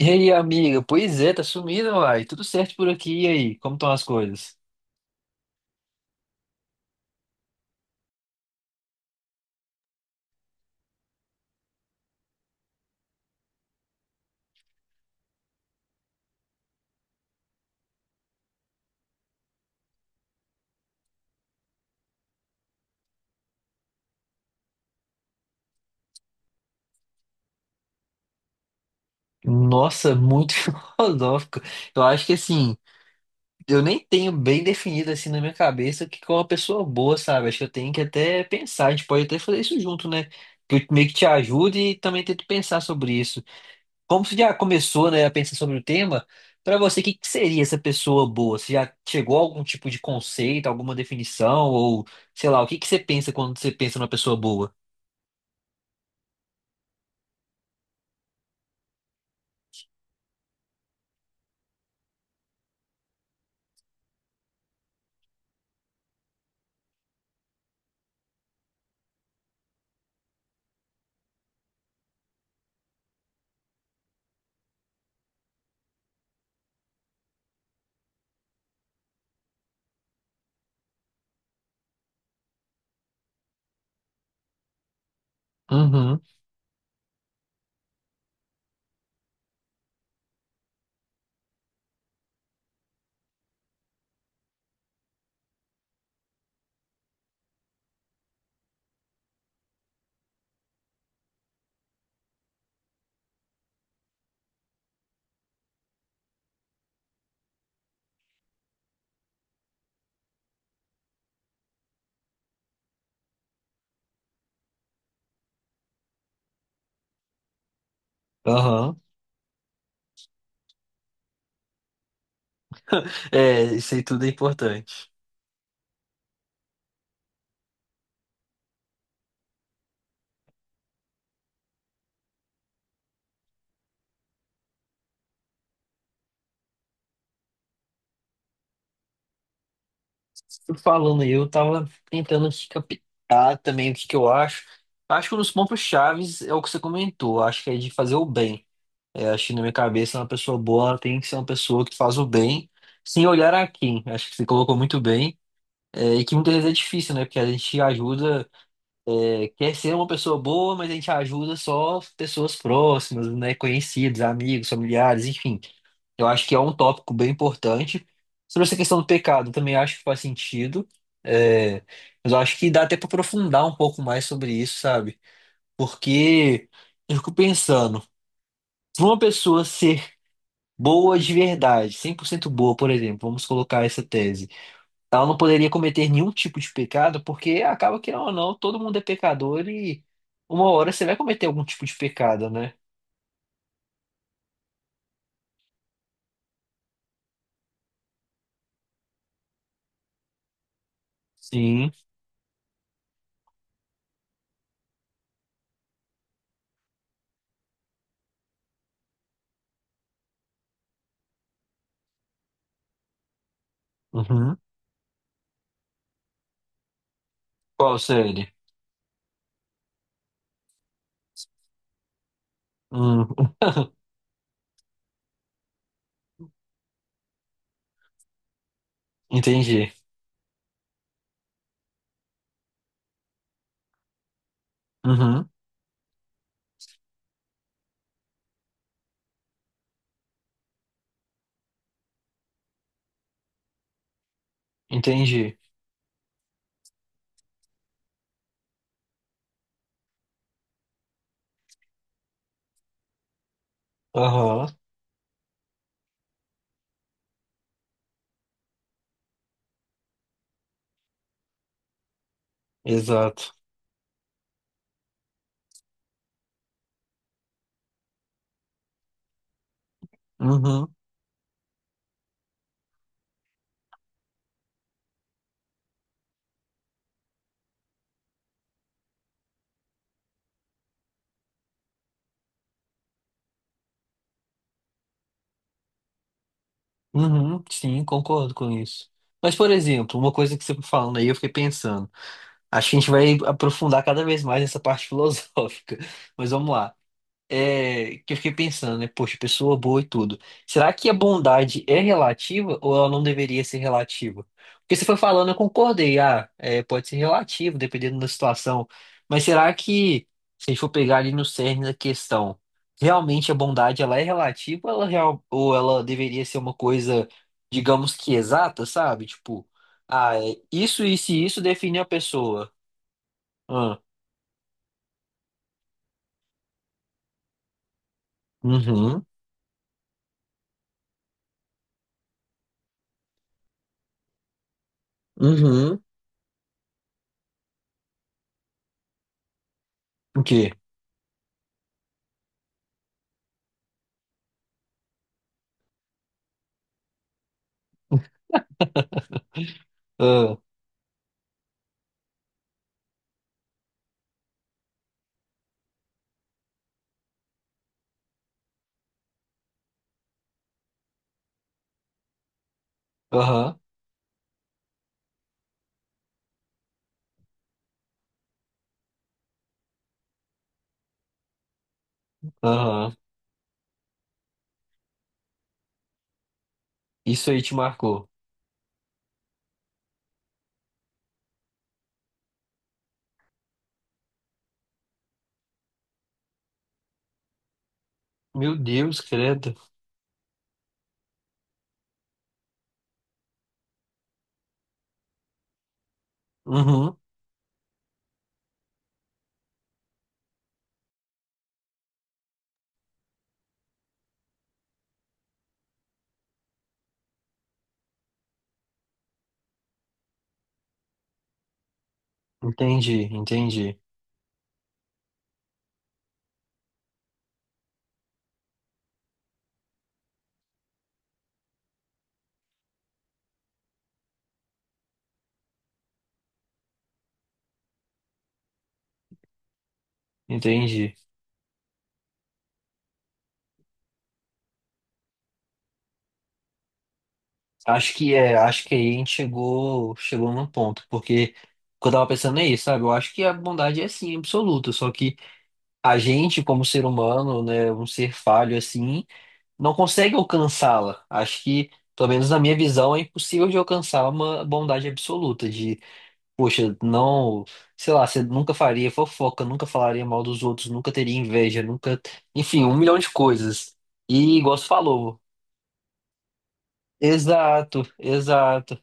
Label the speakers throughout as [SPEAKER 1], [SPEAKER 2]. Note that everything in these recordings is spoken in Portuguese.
[SPEAKER 1] E aí, amiga? Pois é, tá sumindo, uai. Tudo certo por aqui, e aí? Como estão as coisas? Nossa, muito filosófico. Eu acho que assim, eu nem tenho bem definido assim na minha cabeça o que que é uma pessoa boa, sabe? Acho que eu tenho que até pensar, a gente pode até fazer isso junto, né? Que eu meio que te ajude e também tento pensar sobre isso. Como você já começou, né, a pensar sobre o tema, pra você, o que que seria essa pessoa boa? Você já chegou a algum tipo de conceito, alguma definição, ou sei lá, o que que você pensa quando você pensa numa pessoa boa? Uhum. Aham. É, isso aí tudo é importante. Tu Falando aí, eu tava tentando aqui captar também o que que eu acho. Acho que um dos pontos-chaves é o que você comentou. Acho que é de fazer o bem. É, acho que na minha cabeça, uma pessoa boa ela tem que ser uma pessoa que faz o bem, sem olhar a quem. Acho que você colocou muito bem. É, e que muitas vezes é difícil, né? Porque a gente ajuda, é, quer ser uma pessoa boa, mas a gente ajuda só pessoas próximas, né? Conhecidos, amigos, familiares, enfim. Eu acho que é um tópico bem importante. Sobre essa questão do pecado, eu também acho que faz sentido. É, mas eu acho que dá até para aprofundar um pouco mais sobre isso, sabe? Porque eu fico pensando, se uma pessoa ser boa de verdade, 100% boa, por exemplo, vamos colocar essa tese, ela não poderia cometer nenhum tipo de pecado, porque acaba que, não, não, todo mundo é pecador e uma hora você vai cometer algum tipo de pecado, né? Sim. Uhum. Qual série? Hum, entendi. Uhum. Entendi. Aham, exato. Uhum, uhum, sim, concordo com isso. Mas, por exemplo, uma coisa que você foi falando aí, eu fiquei pensando. Acho que a gente vai aprofundar cada vez mais essa parte filosófica. Mas vamos lá. É, que eu fiquei pensando, né? Poxa, pessoa boa e tudo. Será que a bondade é relativa ou ela não deveria ser relativa? Porque você foi falando, eu concordei. Ah, é, pode ser relativo, dependendo da situação. Mas será que, se a gente for pegar ali no cerne da questão, realmente a bondade ela é relativa ou ela, real, ou ela deveria ser uma coisa, digamos que exata, sabe? Tipo, ah, é isso, isso e isso define a pessoa. Ah, uhum, uhum. O quê? Ah, Aham. Aham. Isso aí te marcou. Meu Deus, credo. Uhum. Entendi, entendi, entendi. Acho que é, acho que aí a gente chegou num ponto, porque o que eu tava pensando é isso, sabe? Eu acho que a bondade é sim absoluta, só que a gente, como ser humano, né, um ser falho assim, não consegue alcançá-la. Acho que, pelo menos na minha visão, é impossível de alcançar uma bondade absoluta, de Poxa, não, sei lá, você nunca faria fofoca, nunca falaria mal dos outros, nunca teria inveja, nunca, enfim, 1 milhão de coisas. E igual você falou. Exato, exato.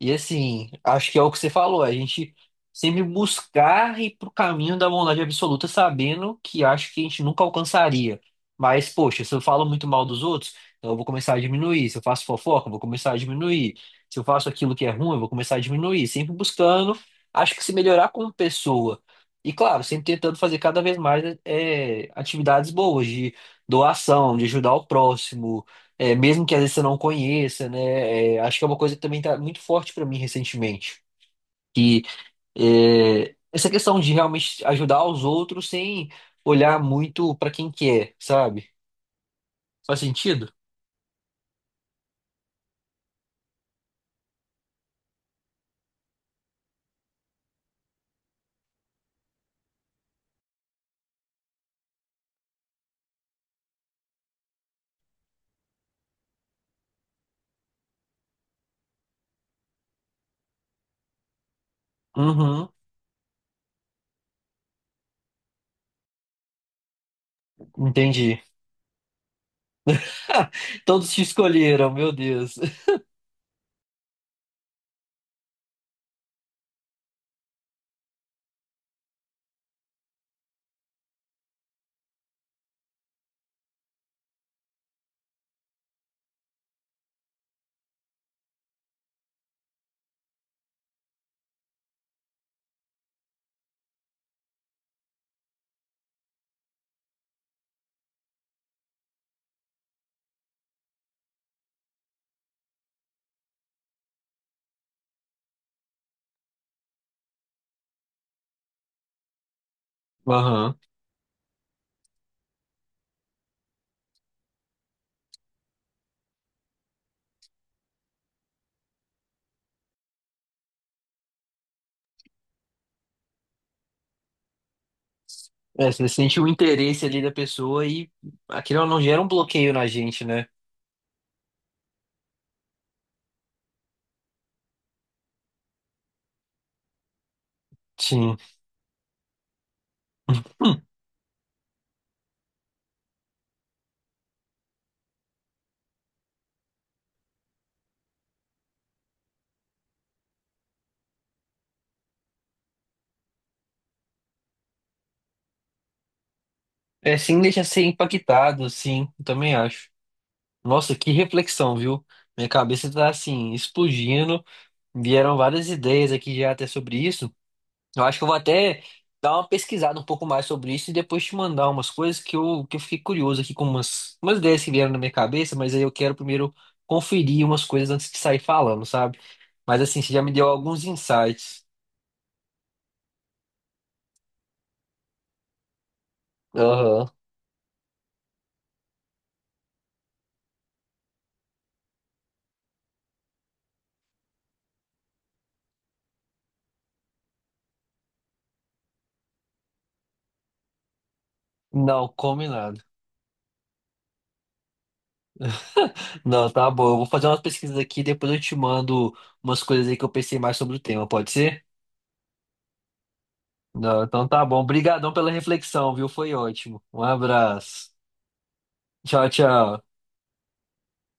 [SPEAKER 1] E assim, acho que é o que você falou, a gente sempre buscar ir pro caminho da bondade absoluta, sabendo que acho que a gente nunca alcançaria. Mas, poxa, se eu falo muito mal dos outros, então eu vou começar a diminuir. Se eu faço fofoca, eu vou começar a diminuir. Se eu faço aquilo que é ruim, eu vou começar a diminuir. Sempre buscando, acho que se melhorar como pessoa. E claro, sempre tentando fazer cada vez mais é, atividades boas de doação, de ajudar o próximo é, mesmo que às vezes você não conheça, né? É, acho que é uma coisa que também tá muito forte para mim recentemente. Que é, essa questão de realmente ajudar os outros sem olhar muito para quem que é, sabe? Faz sentido? Uhum, entendi. Todos te escolheram, meu Deus. Aham. É, você sente o interesse ali da pessoa e aquilo não gera um bloqueio na gente, né? Sim. Hum, É, sim, deixa ser impactado, sim, eu também acho. Nossa, que reflexão, viu? Minha cabeça tá assim, explodindo. Vieram várias ideias aqui já até sobre isso. Eu acho que eu vou até dar uma pesquisada um pouco mais sobre isso e depois te mandar umas coisas que eu fiquei curioso aqui com umas ideias que vieram na minha cabeça, mas aí eu quero primeiro conferir umas coisas antes de sair falando, sabe? Mas assim, você já me deu alguns insights. Aham. Não, combinado. Não, tá bom. Eu vou fazer umas pesquisas aqui, depois eu te mando umas coisas aí que eu pensei mais sobre o tema, pode ser? Não, então tá bom. Obrigadão pela reflexão, viu? Foi ótimo. Um abraço. Tchau, tchau.